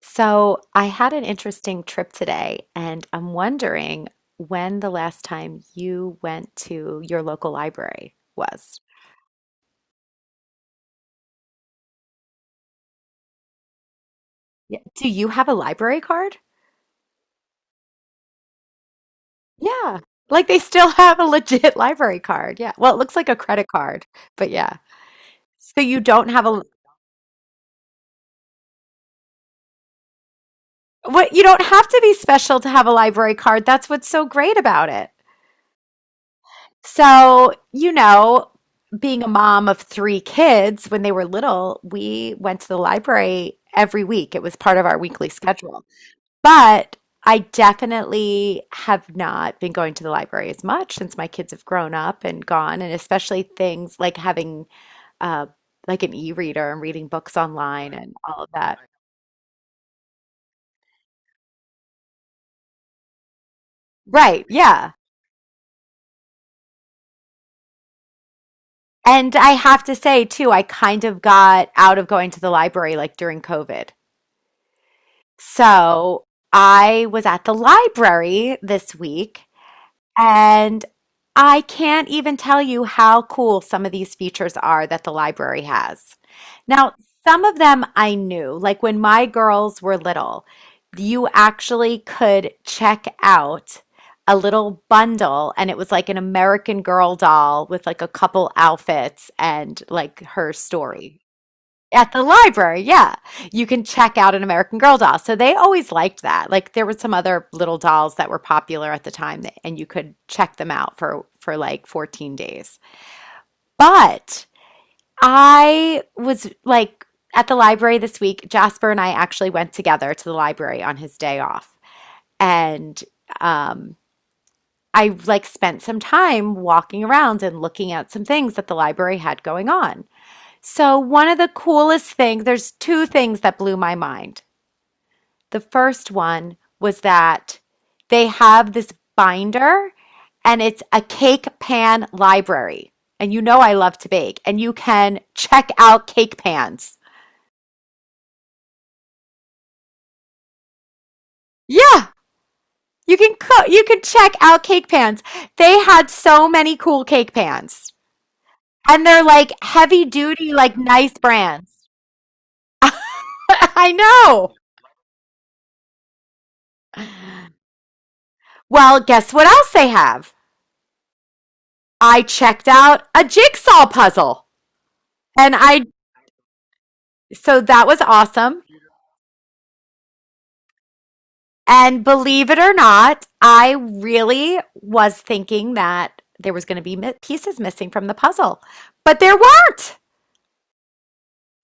So, I had an interesting trip today, and I'm wondering when the last time you went to your local library was. Yeah. Do you have a library card? Yeah. Like they still have a legit library card. Yeah. Well, it looks like a credit card, but yeah. So you don't have a what you don't have to be special to have a library card. That's what's so great about it. So, you know, being a mom of three kids, when they were little, we went to the library every week. It was part of our weekly schedule. But I definitely have not been going to the library as much since my kids have grown up and gone, and especially things like having uh, like an e-reader and reading books online and all of that. Right, yeah. And I have to say too, I kind of got out of going to the library like during COVID. So I was at the library this week and I can't even tell you how cool some of these features are that the library has. Now, some of them I knew, like when my girls were little, you actually could check out a little bundle and it was like an American Girl doll with like a couple outfits and like her story. At the library, yeah. You can check out an American Girl doll. So they always liked that. Like there were some other little dolls that were popular at the time that, and you could check them out for like 14 days. But I was like at the library this week, Jasper and I actually went together to the library on his day off. And um I like spent some time walking around and looking at some things that the library had going on. So, one of the coolest things, there's two things that blew my mind. The first one was that they have this binder and it's a cake pan library. And you know I love to bake and you can check out cake pans. Yeah, you can cook, you can check out cake pans. They had so many cool cake pans. And they're like heavy duty like nice brands. I know. Well, guess what else they have? I checked out a jigsaw puzzle. And I, so that was awesome. And believe it or not, I really was thinking that there was going to be pieces missing from the puzzle, but there weren't.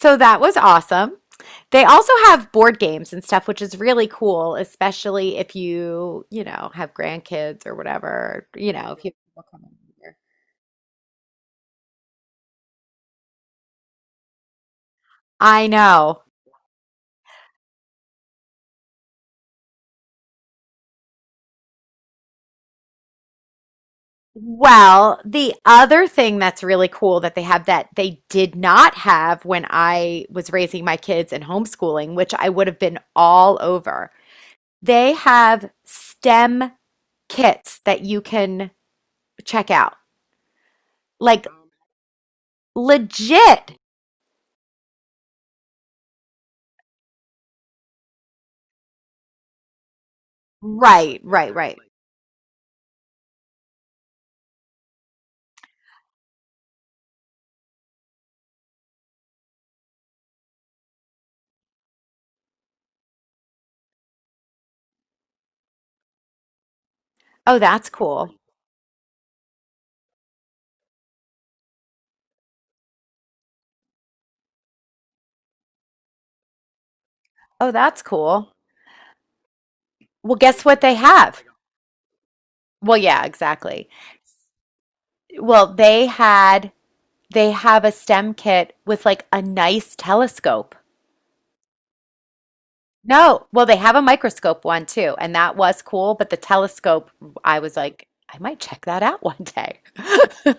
So that was awesome. They also have board games and stuff, which is really cool, especially if you, you know, have grandkids or whatever, you know, if you have people coming over. I know. Well, the other thing that's really cool that they have that they did not have when I was raising my kids and homeschooling, which I would have been all over, they have STEM kits that you can check out. Like legit. Right, right, right. Oh, that's cool. Oh, that's cool. Well, guess what they have? Well, yeah, exactly. Well, they had, they have a STEM kit with like a nice telescope. No, well, they have a microscope one too, and that was cool, but the telescope, I was like, I might check that out one day.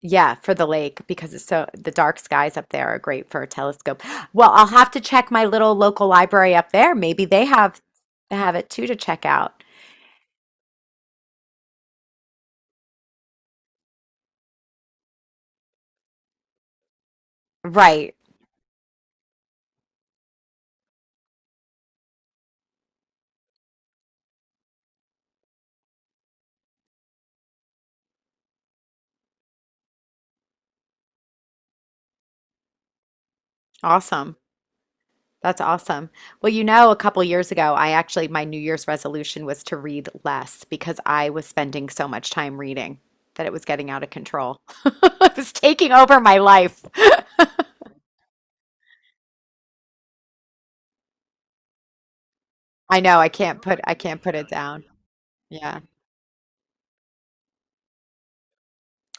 Yeah, for the lake because it's so the dark skies up there are great for a telescope. Well, I'll have to check my little local library up there. Maybe they have it too to check out. Right. Awesome. That's awesome. Well, you know, a couple years ago, I actually, my New Year's resolution was to read less because I was spending so much time reading that it was getting out of control. It was taking over my life. I know, I can't put it down. Yeah.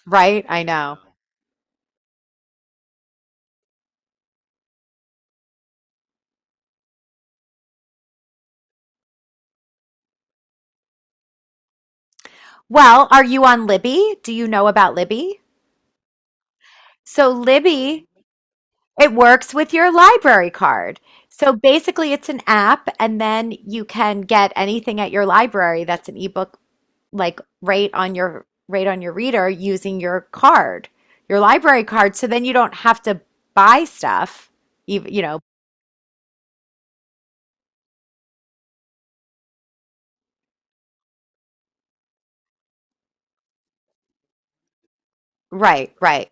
Right? I know. Well, are you on Libby? Do you know about Libby? So Libby, it works with your library card. So basically, it's an app, and then you can get anything at your library that's an ebook like right on your reader using your card, your library card. So then you don't have to buy stuff, even you know, right, right.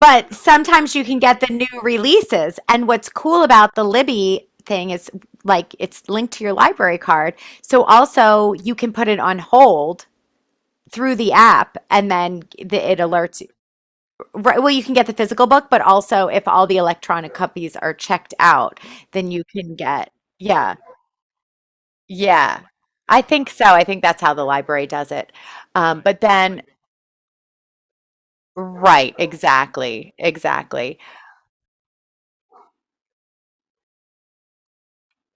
But sometimes you can get the new releases. And what's cool about the Libby thing is like it's linked to your library card. So also you can put it on hold through the app and then the, it alerts you. Right, well, you can get the physical book, but also if all the electronic copies are checked out, then you can get, yeah. Yeah, I think so. I think that's how the library does it. But then, right, exactly, exactly,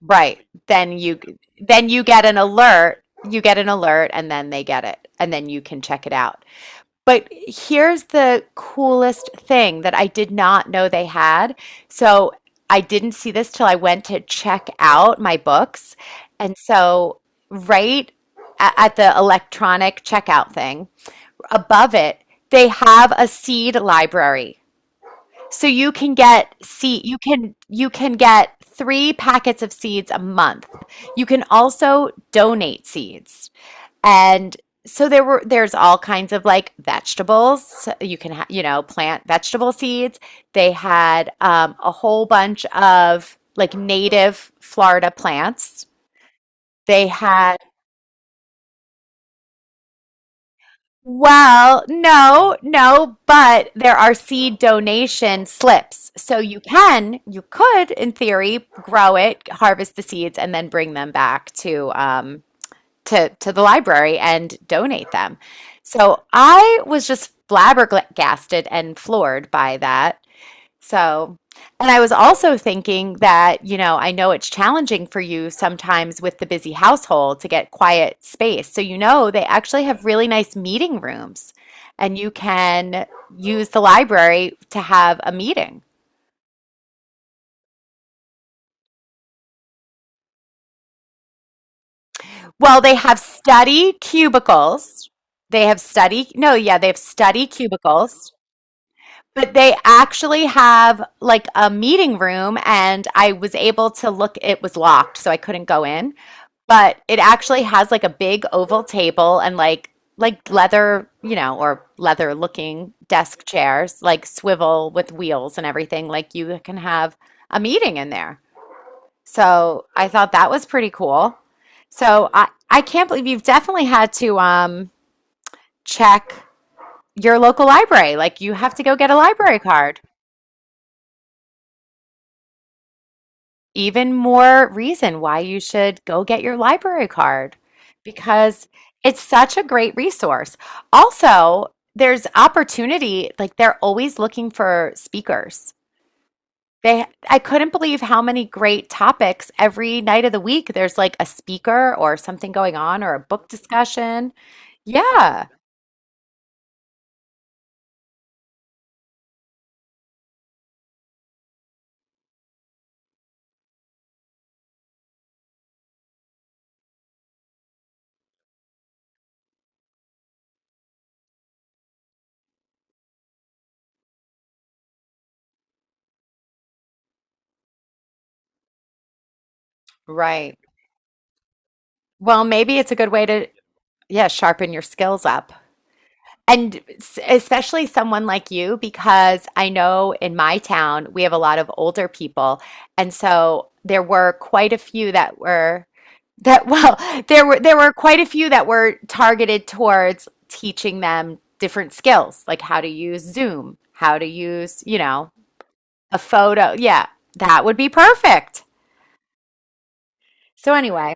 right. Then you get an alert. You get an alert, and then they get it, and then you can check it out. But here's the coolest thing that I did not know they had. So I didn't see this till I went to check out my books, and so right at the electronic checkout thing, above it, they have a seed library. So you can get seed you can get 3 packets of seeds a month. You can also donate seeds. And so there's all kinds of like vegetables. So you can you know plant vegetable seeds. They had a whole bunch of like native Florida plants they had. Well, no, no, but there are seed donation slips. So you can, you could, in theory, grow it, harvest the seeds, and then bring them back to to the library and donate them. So I was just flabbergasted and floored by that. So, and I was also thinking that, you know, I know it's challenging for you sometimes with the busy household to get quiet space. So, you know, they actually have really nice meeting rooms and you can use the library to have a meeting. Well, they have study cubicles. No, yeah, they have study cubicles, but they actually have like a meeting room and I was able to look, it was locked, so I couldn't go in but it actually has like a big oval table and like leather, you know, or leather looking desk chairs, like swivel with wheels and everything. Like you can have a meeting in there. So I thought that was pretty cool. So I can't believe you've definitely had to check your local library. Like you have to go get a library card. Even more reason why you should go get your library card because it's such a great resource. Also, there's opportunity, like they're always looking for speakers. They, I couldn't believe how many great topics every night of the week. There's like a speaker or something going on or a book discussion. Yeah, right. Well, maybe it's a good way to, yeah, sharpen your skills up. And especially someone like you, because I know in my town we have a lot of older people. And so there were quite a few that were that well, there were quite a few that were targeted towards teaching them different skills, like how to use Zoom, how to use, you know, a photo. Yeah, that would be perfect. So anyway,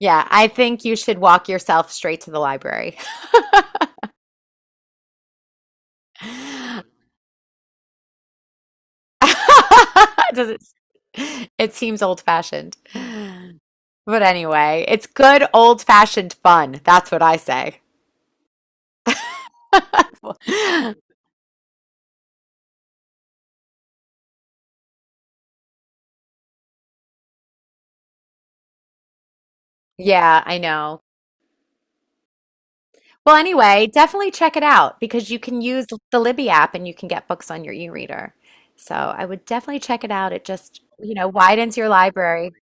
yeah, I think you should walk yourself straight to the library. Does it, it seems old fashioned. But anyway, it's good old fashioned fun. That's what I say. Yeah, I know. Well, anyway, definitely check it out because you can use the Libby app and you can get books on your e-reader. So I would definitely check it out. It just, you know, widens your library.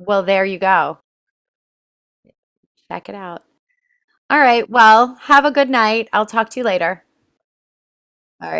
Well, there you go. Check it out. All right. Well, have a good night. I'll talk to you later. All right.